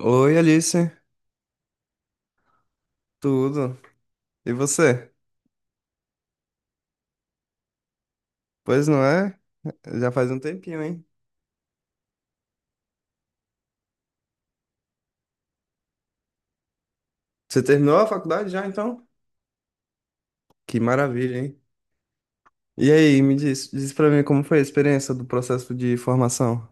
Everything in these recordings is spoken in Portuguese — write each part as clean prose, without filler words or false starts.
Oi, Alice. Tudo? E você? Pois não é? Já faz um tempinho, hein? Você terminou a faculdade já, então? Que maravilha, hein? E aí, me diz, diz pra mim como foi a experiência do processo de formação?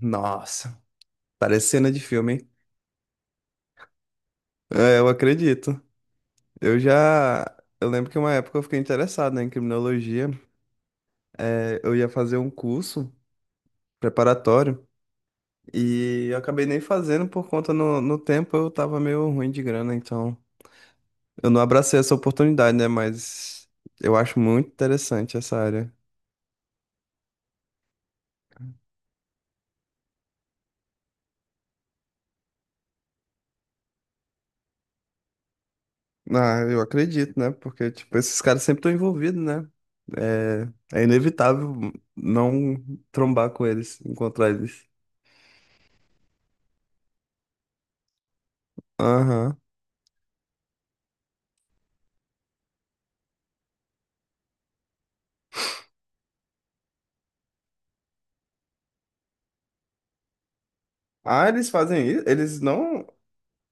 Nossa, parece cena de filme, hein? É, eu acredito. Eu já. Eu lembro que uma época eu fiquei interessado, né, em criminologia. É, eu ia fazer um curso preparatório e eu acabei nem fazendo por conta no tempo eu tava meio ruim de grana, então. Eu não abracei essa oportunidade, né? Mas eu acho muito interessante essa área. Ah, eu acredito, né? Porque, tipo, esses caras sempre estão envolvidos, né? É, é inevitável não trombar com eles, encontrar eles. Aham. Ah, eles fazem isso? Eles não.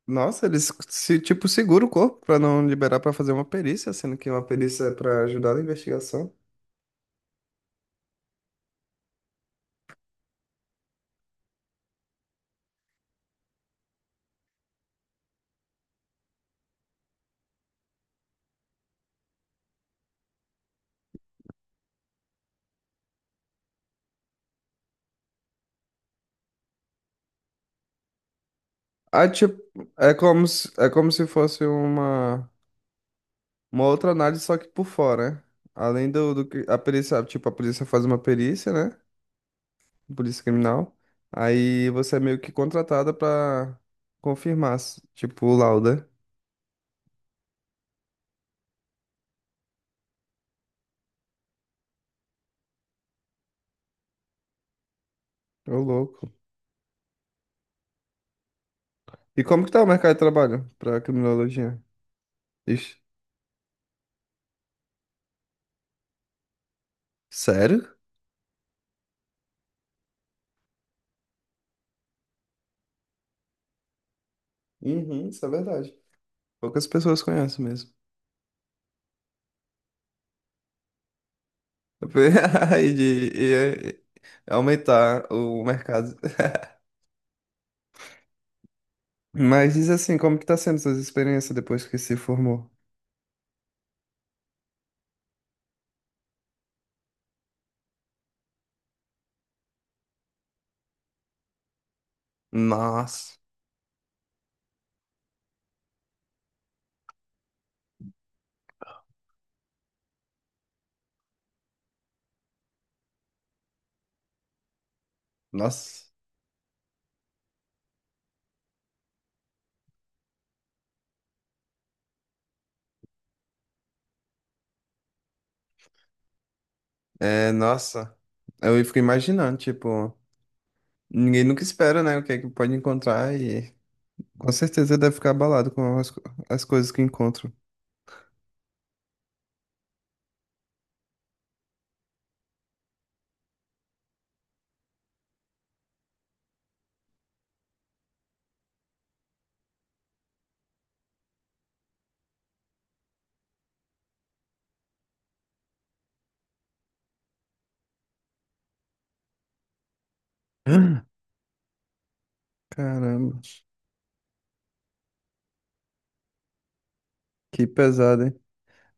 Nossa, eles se, tipo, seguram o corpo pra não liberar pra fazer uma perícia, sendo que uma perícia é pra ajudar na investigação. Ah, tipo, é como se fosse uma. Uma outra análise, só que por fora, né? Além do que a perícia, tipo, a polícia faz uma perícia, né? Polícia criminal. Aí você é meio que contratada pra confirmar, tipo, o laudo. Né? Ô, louco. E como que tá o mercado de trabalho pra criminologia? Ixi. Sério? Uhum, isso é verdade. Poucas pessoas conhecem mesmo. E de e aumentar o mercado. Mas diz assim, como que tá sendo suas experiências depois que se formou? Nossa, nossa. É, nossa, eu fico imaginando, tipo, ninguém nunca espera, né, o que é que pode encontrar e com certeza deve ficar abalado com as, as coisas que encontro. Caramba, que pesado, hein?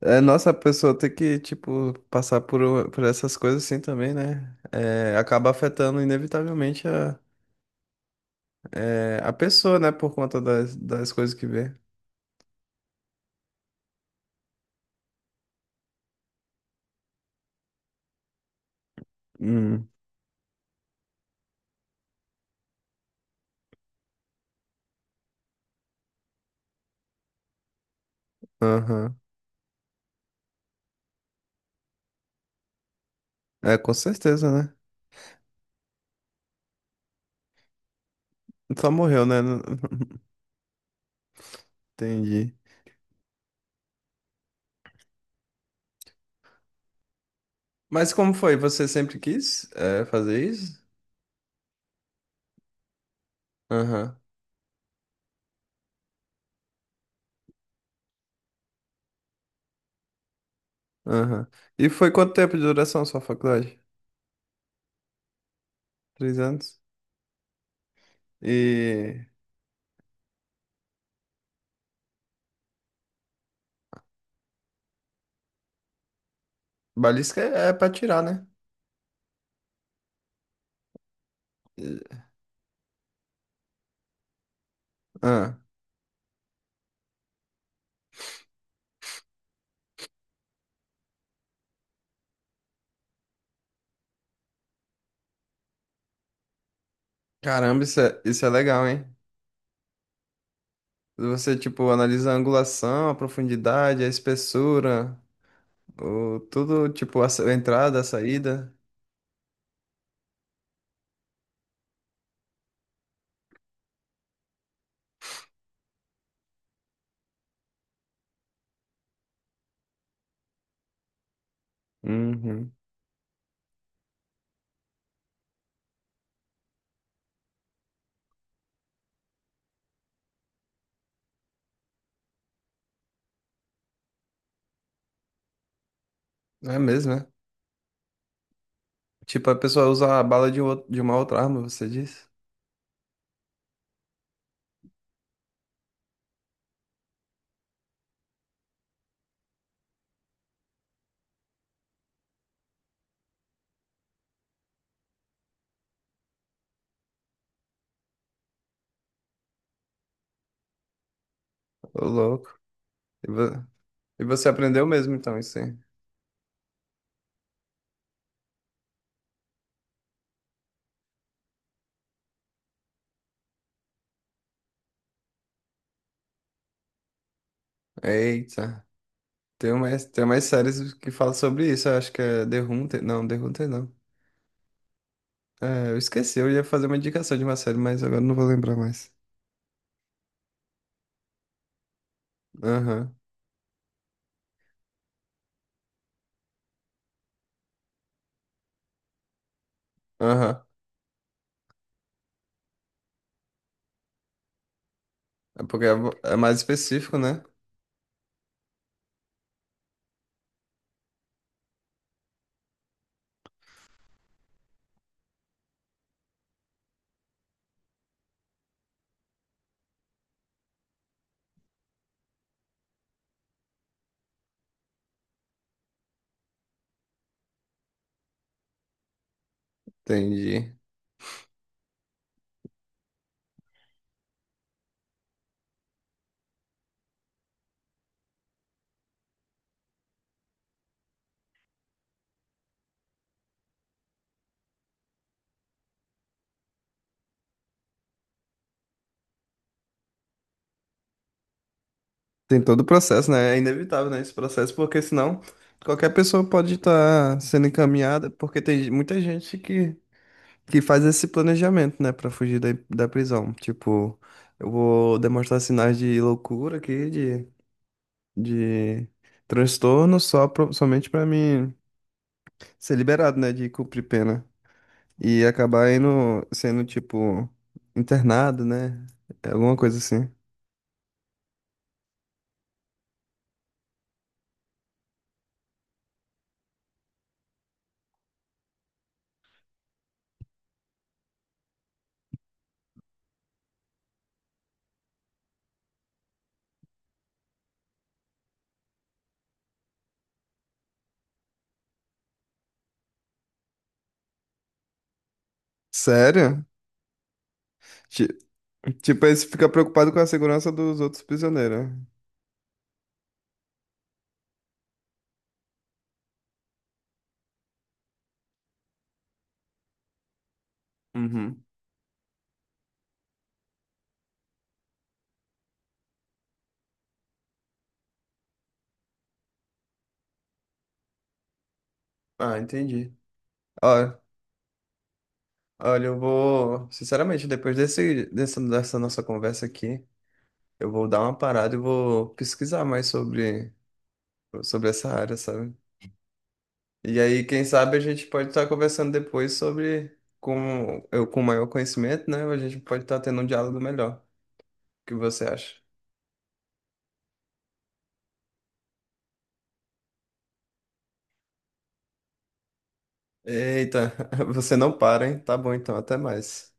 É, nossa, a pessoa tem que, tipo, passar por, por essas coisas assim também, né? É, acaba afetando inevitavelmente a, é, a pessoa, né, por conta das, das coisas que vê. Hum, aham. É, com certeza, né? Só morreu, né? Entendi. Mas como foi? Você sempre quis é, fazer isso? Aham, aham. E foi quanto tempo de duração sua faculdade? Três anos? E balística é, é pra tirar, né? E- Ah, caramba, isso é legal, hein? Você, tipo, analisa a angulação, a profundidade, a espessura, o, tudo, tipo, a a entrada, a saída. Uhum. É mesmo, né? Tipo, a pessoa usa a bala de, de uma outra arma, você diz? Ô, louco. E e você aprendeu mesmo, então, isso aí. Eita, tem mais séries que falam sobre isso. Eu acho que é The Hunter. Não, The Hunter não. É, eu esqueci, eu ia fazer uma indicação de uma série, mas agora não vou lembrar mais. Aham, aham. É porque é, é mais específico, né? Entendi. Tem todo o processo, né? É inevitável, né, esse processo, porque senão qualquer pessoa pode estar sendo encaminhada, porque tem muita gente que faz esse planejamento, né, pra fugir da, da prisão. Tipo, eu vou demonstrar sinais de loucura aqui, de transtorno só somente pra mim ser liberado, né, de cumprir pena e acabar indo sendo tipo internado, né? É alguma coisa assim. Sério? Ti- Tipo, aí você fica preocupado com a segurança dos outros prisioneiros. Né? Uhum. Ah, entendi. Olha, olha, eu vou, sinceramente, depois desse, dessa, dessa nossa conversa aqui, eu vou dar uma parada e vou pesquisar mais sobre, sobre essa área, sabe? E aí, quem sabe a gente pode estar conversando depois sobre com eu com maior conhecimento, né? A gente pode estar tendo um diálogo melhor. O que você acha? Eita, você não para, hein? Tá bom então, até mais.